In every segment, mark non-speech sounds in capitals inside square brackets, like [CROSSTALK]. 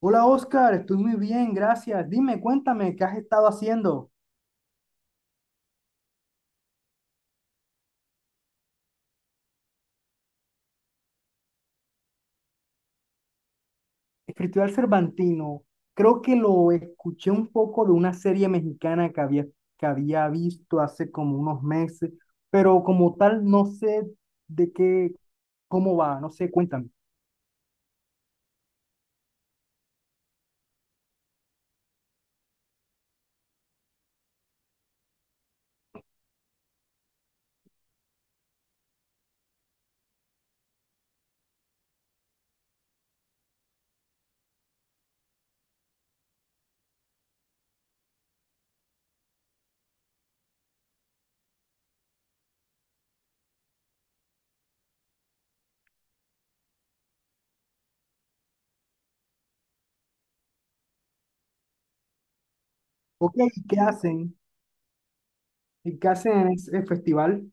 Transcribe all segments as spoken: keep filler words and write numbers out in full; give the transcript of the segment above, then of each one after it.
Hola Oscar, estoy muy bien, gracias. Dime, cuéntame, ¿qué has estado haciendo? Escritor Cervantino, creo que lo escuché un poco de una serie mexicana que había, que había visto hace como unos meses, pero como tal no sé de qué, cómo va, no sé, cuéntame. Ok, ¿y qué hacen? ¿Y qué hacen en ese festival?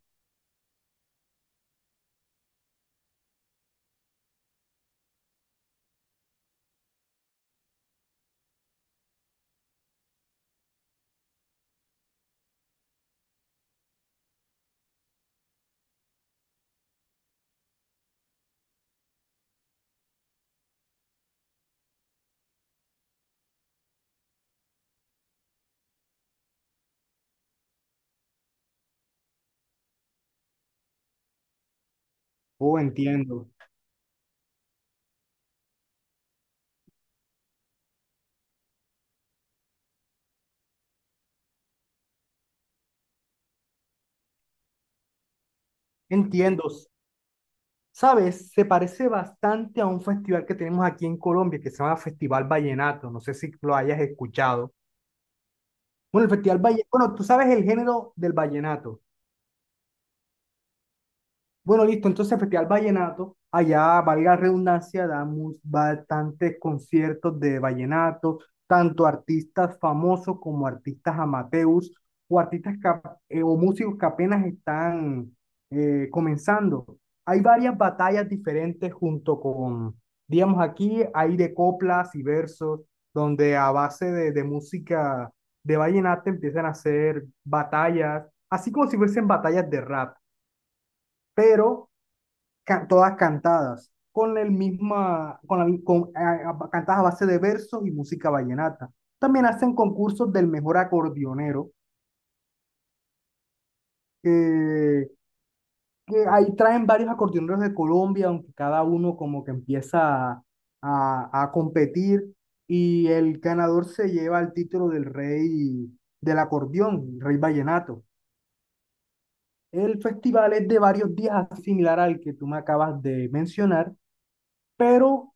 Oh, entiendo, entiendo. ¿Sabes? Se parece bastante a un festival que tenemos aquí en Colombia que se llama Festival Vallenato, no sé si lo hayas escuchado. Bueno, el Festival Valle, bueno, tú sabes el género del vallenato. Bueno, listo. Entonces, Festival Vallenato, allá, valga la redundancia, damos bastantes conciertos de vallenato, tanto artistas famosos como artistas amateurs o artistas que ap- eh, o músicos que apenas están eh, comenzando. Hay varias batallas diferentes junto con, digamos, aquí hay de coplas y versos, donde a base de, de música de vallenato empiezan a hacer batallas, así como si fuesen batallas de rap pero ca- todas cantadas, con el misma, con la, con- a- a- cantadas a base de versos y música vallenata. También hacen concursos del mejor acordeonero, que que ahí traen varios acordeoneros de Colombia, aunque cada uno como que empieza a, a- a competir y el ganador se lleva el título del rey del acordeón, rey vallenato. El festival es de varios días, similar al que tú me acabas de mencionar, pero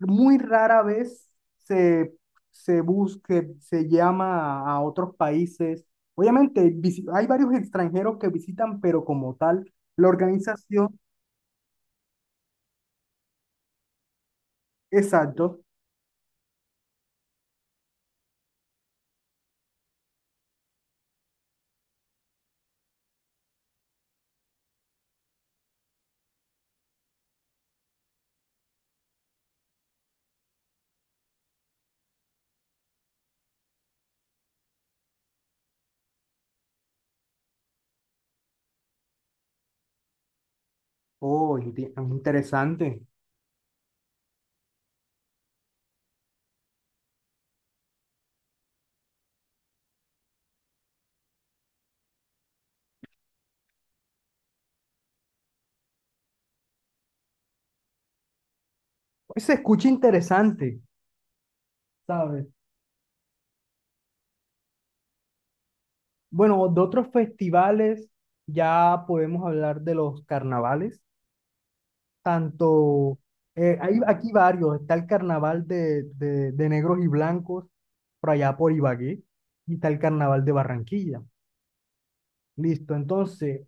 muy rara vez se, se busca, se llama a otros países. Obviamente, visi- hay varios extranjeros que visitan, pero como tal, la organización, exacto. Oh, enti- interesante. Se escucha interesante, ¿sabes? Bueno, de otros festivales ya podemos hablar de los carnavales. Tanto, eh, hay aquí varios, está el carnaval de, de, de negros y blancos por allá por Ibagué y está el carnaval de Barranquilla. Listo, entonces,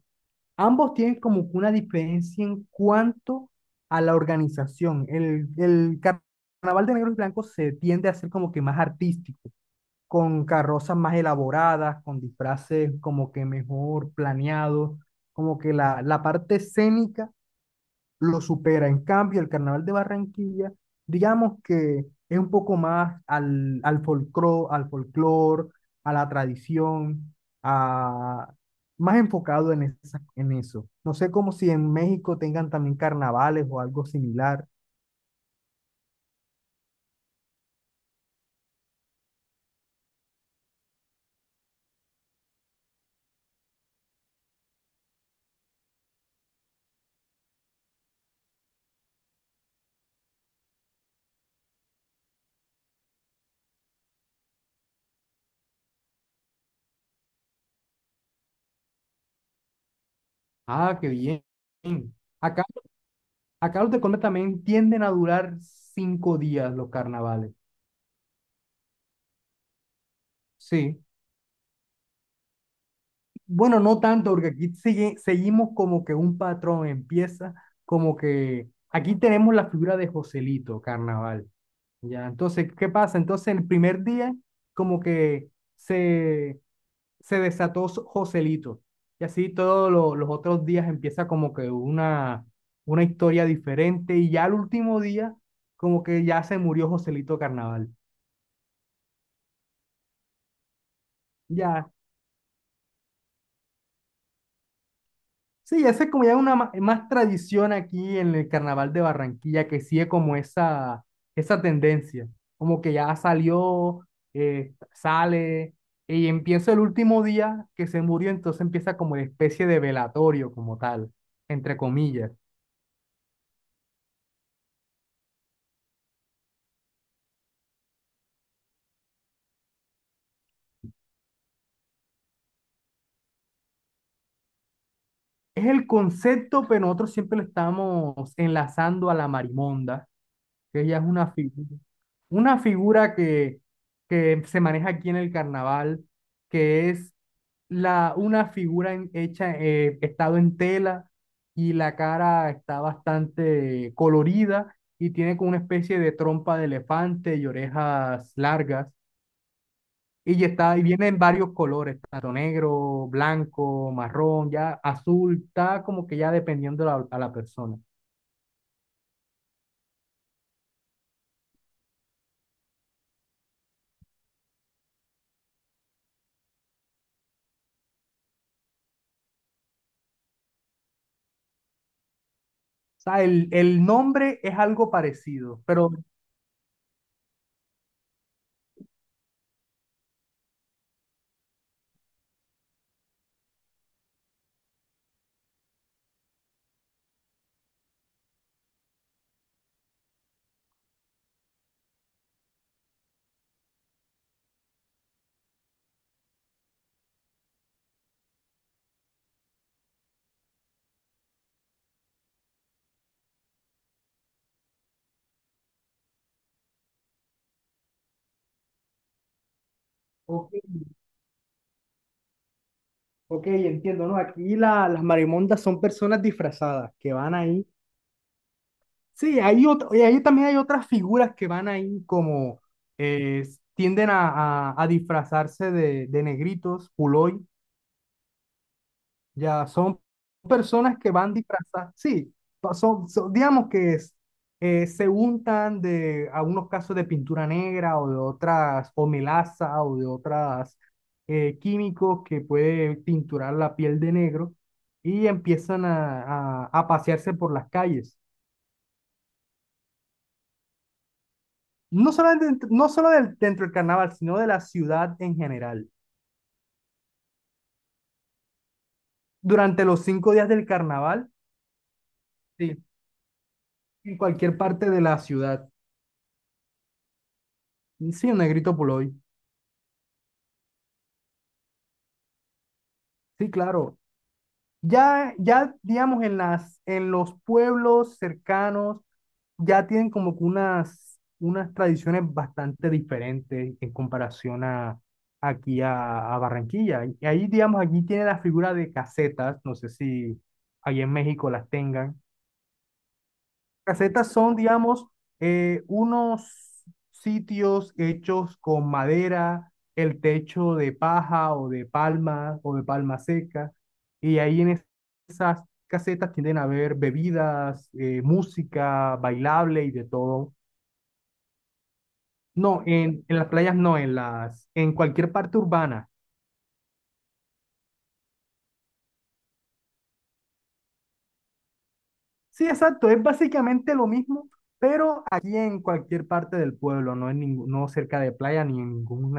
ambos tienen como que una diferencia en cuanto a la organización. El, el car- carnaval de negros y blancos se tiende a ser como que más artístico, con carrozas más elaboradas, con disfraces como que mejor planeados, como que la, la parte escénica lo supera. En cambio, el carnaval de Barranquilla, digamos que es un poco más al, al folclore, al folclore, a la tradición, a, más enfocado en, esa- en eso. No sé cómo si en México tengan también carnavales o algo similar. Ah, qué bien. Acá, acá los de Colombia también tienden a durar cinco días los carnavales. Sí. Bueno, no tanto, porque aquí sigue- seguimos como que un patrón empieza, como que aquí tenemos la figura de Joselito Carnaval, ¿ya? Entonces, ¿qué pasa? Entonces, el primer día, como que se, se desató so- Joselito, y así todos lo- los otros días empieza como que una, una historia diferente, y ya el último día, como que ya se murió Joselito Carnaval, ya. Sí, esa es como ya una ma- más tradición aquí en el Carnaval de Barranquilla que sigue como esa, esa tendencia, como que ya salió, eh, sale y empieza el último día que se murió, entonces empieza como una especie de velatorio como tal, entre comillas. Es el concepto, pero nosotros siempre lo estamos enlazando a la marimonda que ella es una figura, una figura que, que se maneja aquí en el carnaval, que es la, una figura en- hecha, eh, estado en tela y la cara está bastante colorida y tiene como una especie de trompa de elefante y orejas largas. Y ya está, y viene en varios colores, tanto negro, blanco, marrón, ya azul, está como que ya dependiendo la- a la persona. O sea, el, el nombre es algo parecido, pero ok, ok, entiendo, ¿no? Aquí la- las marimondas son personas disfrazadas que van ahí. Sí, hay otra, y ahí también hay otras figuras que van ahí como eh, tienden a, a- a disfrazarse de, de negritos, puloy. Ya, son personas que van disfrazadas, sí, pa- son, son- digamos que es, eh, se untan de algunos casos de pintura negra o de otras, o melaza o de otras eh, químicos que puede pinturar la piel de negro y empiezan a, a, a pasearse por las calles. No solo, dentro, no solo del- dentro del carnaval, sino de la ciudad en general. Durante los cinco días del carnaval, sí, en cualquier parte de la ciudad. Sí, un negrito por hoy. Sí, claro. Ya, ya, digamos, en las, en los pueblos cercanos, ya tienen como que unas, unas tradiciones bastante diferentes en comparación a aquí a, a Barranquilla. Y ahí, digamos, aquí tiene la figura de casetas, no sé si ahí en México las tengan casetas son, digamos, eh, unos sitios hechos con madera, el techo de paja o de palma o de palma seca, y ahí en es- esas casetas tienden a haber bebidas, eh, música, bailable y de todo. No, en, en las playas no, en las, en cualquier parte urbana. Sí, exacto, es básicamente lo mismo, pero aquí en cualquier parte del pueblo, no en ningún, no cerca de playa ni en ningún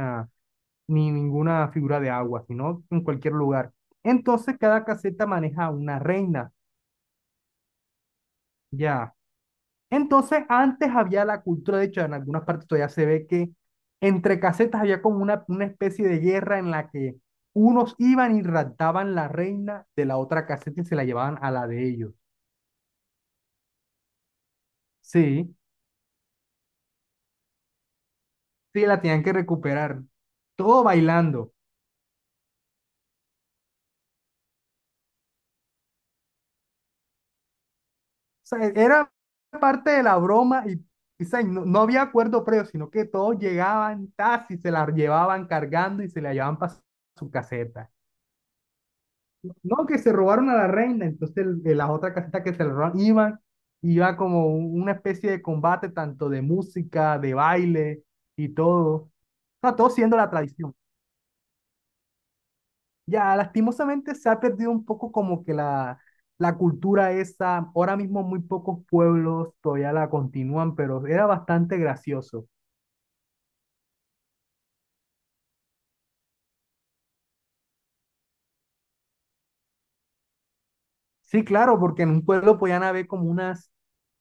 ni ninguna figura de agua, sino en cualquier lugar. Entonces cada caseta maneja una reina, ya. Entonces antes había la cultura, de hecho en algunas partes todavía se ve que entre casetas había como una, una especie de guerra en la que unos iban y raptaban la reina de la otra caseta y se la llevaban a la de ellos. Sí, sí, la tenían que recuperar. Todo bailando. Sea, era parte de la broma y, y, o sea, y no, no había acuerdo previo, sino que todos llegaban tas y se la llevaban cargando y se la llevaban para su caseta. No, que se robaron a la reina, entonces el- de la otra caseta que se la robaron iban, iba como un- una especie de combate tanto de música, de baile y todo. O sea, todo siendo la tradición. Ya, lastimosamente se ha perdido un poco como que la, la cultura esa. Ahora mismo muy pocos pueblos todavía la continúan, pero era bastante gracioso. Sí, claro, porque en un pueblo podían haber como unas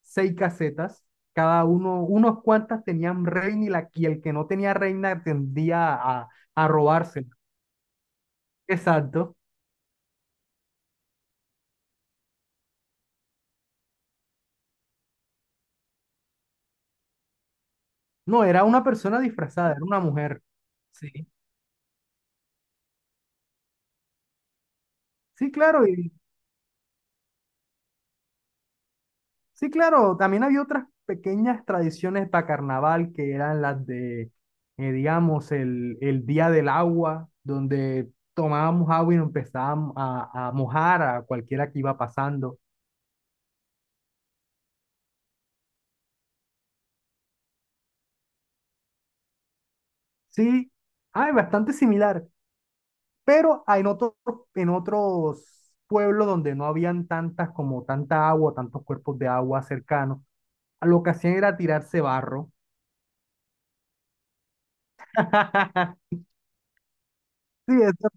seis casetas. Cada uno, unos cuantas tenían reina y, la, y el que no tenía reina tendía a, a robársela. Exacto. No, era una persona disfrazada, era una mujer. Sí. Sí, claro, y sí, claro, también había otras pequeñas tradiciones para carnaval que eran las de, eh, digamos, el, el día del agua, donde tomábamos agua y nos empezábamos a, a mojar a cualquiera que iba pasando. Sí, hay bastante similar, pero hay en otros, en otros pueblos donde no habían tantas como tanta agua, tantos cuerpos de agua cercanos, lo que hacían era tirarse barro. [LAUGHS] Sí, eso.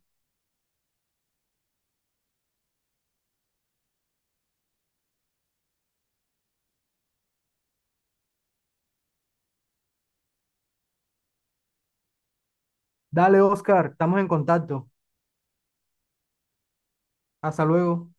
Dale, Oscar, estamos en contacto. Hasta luego.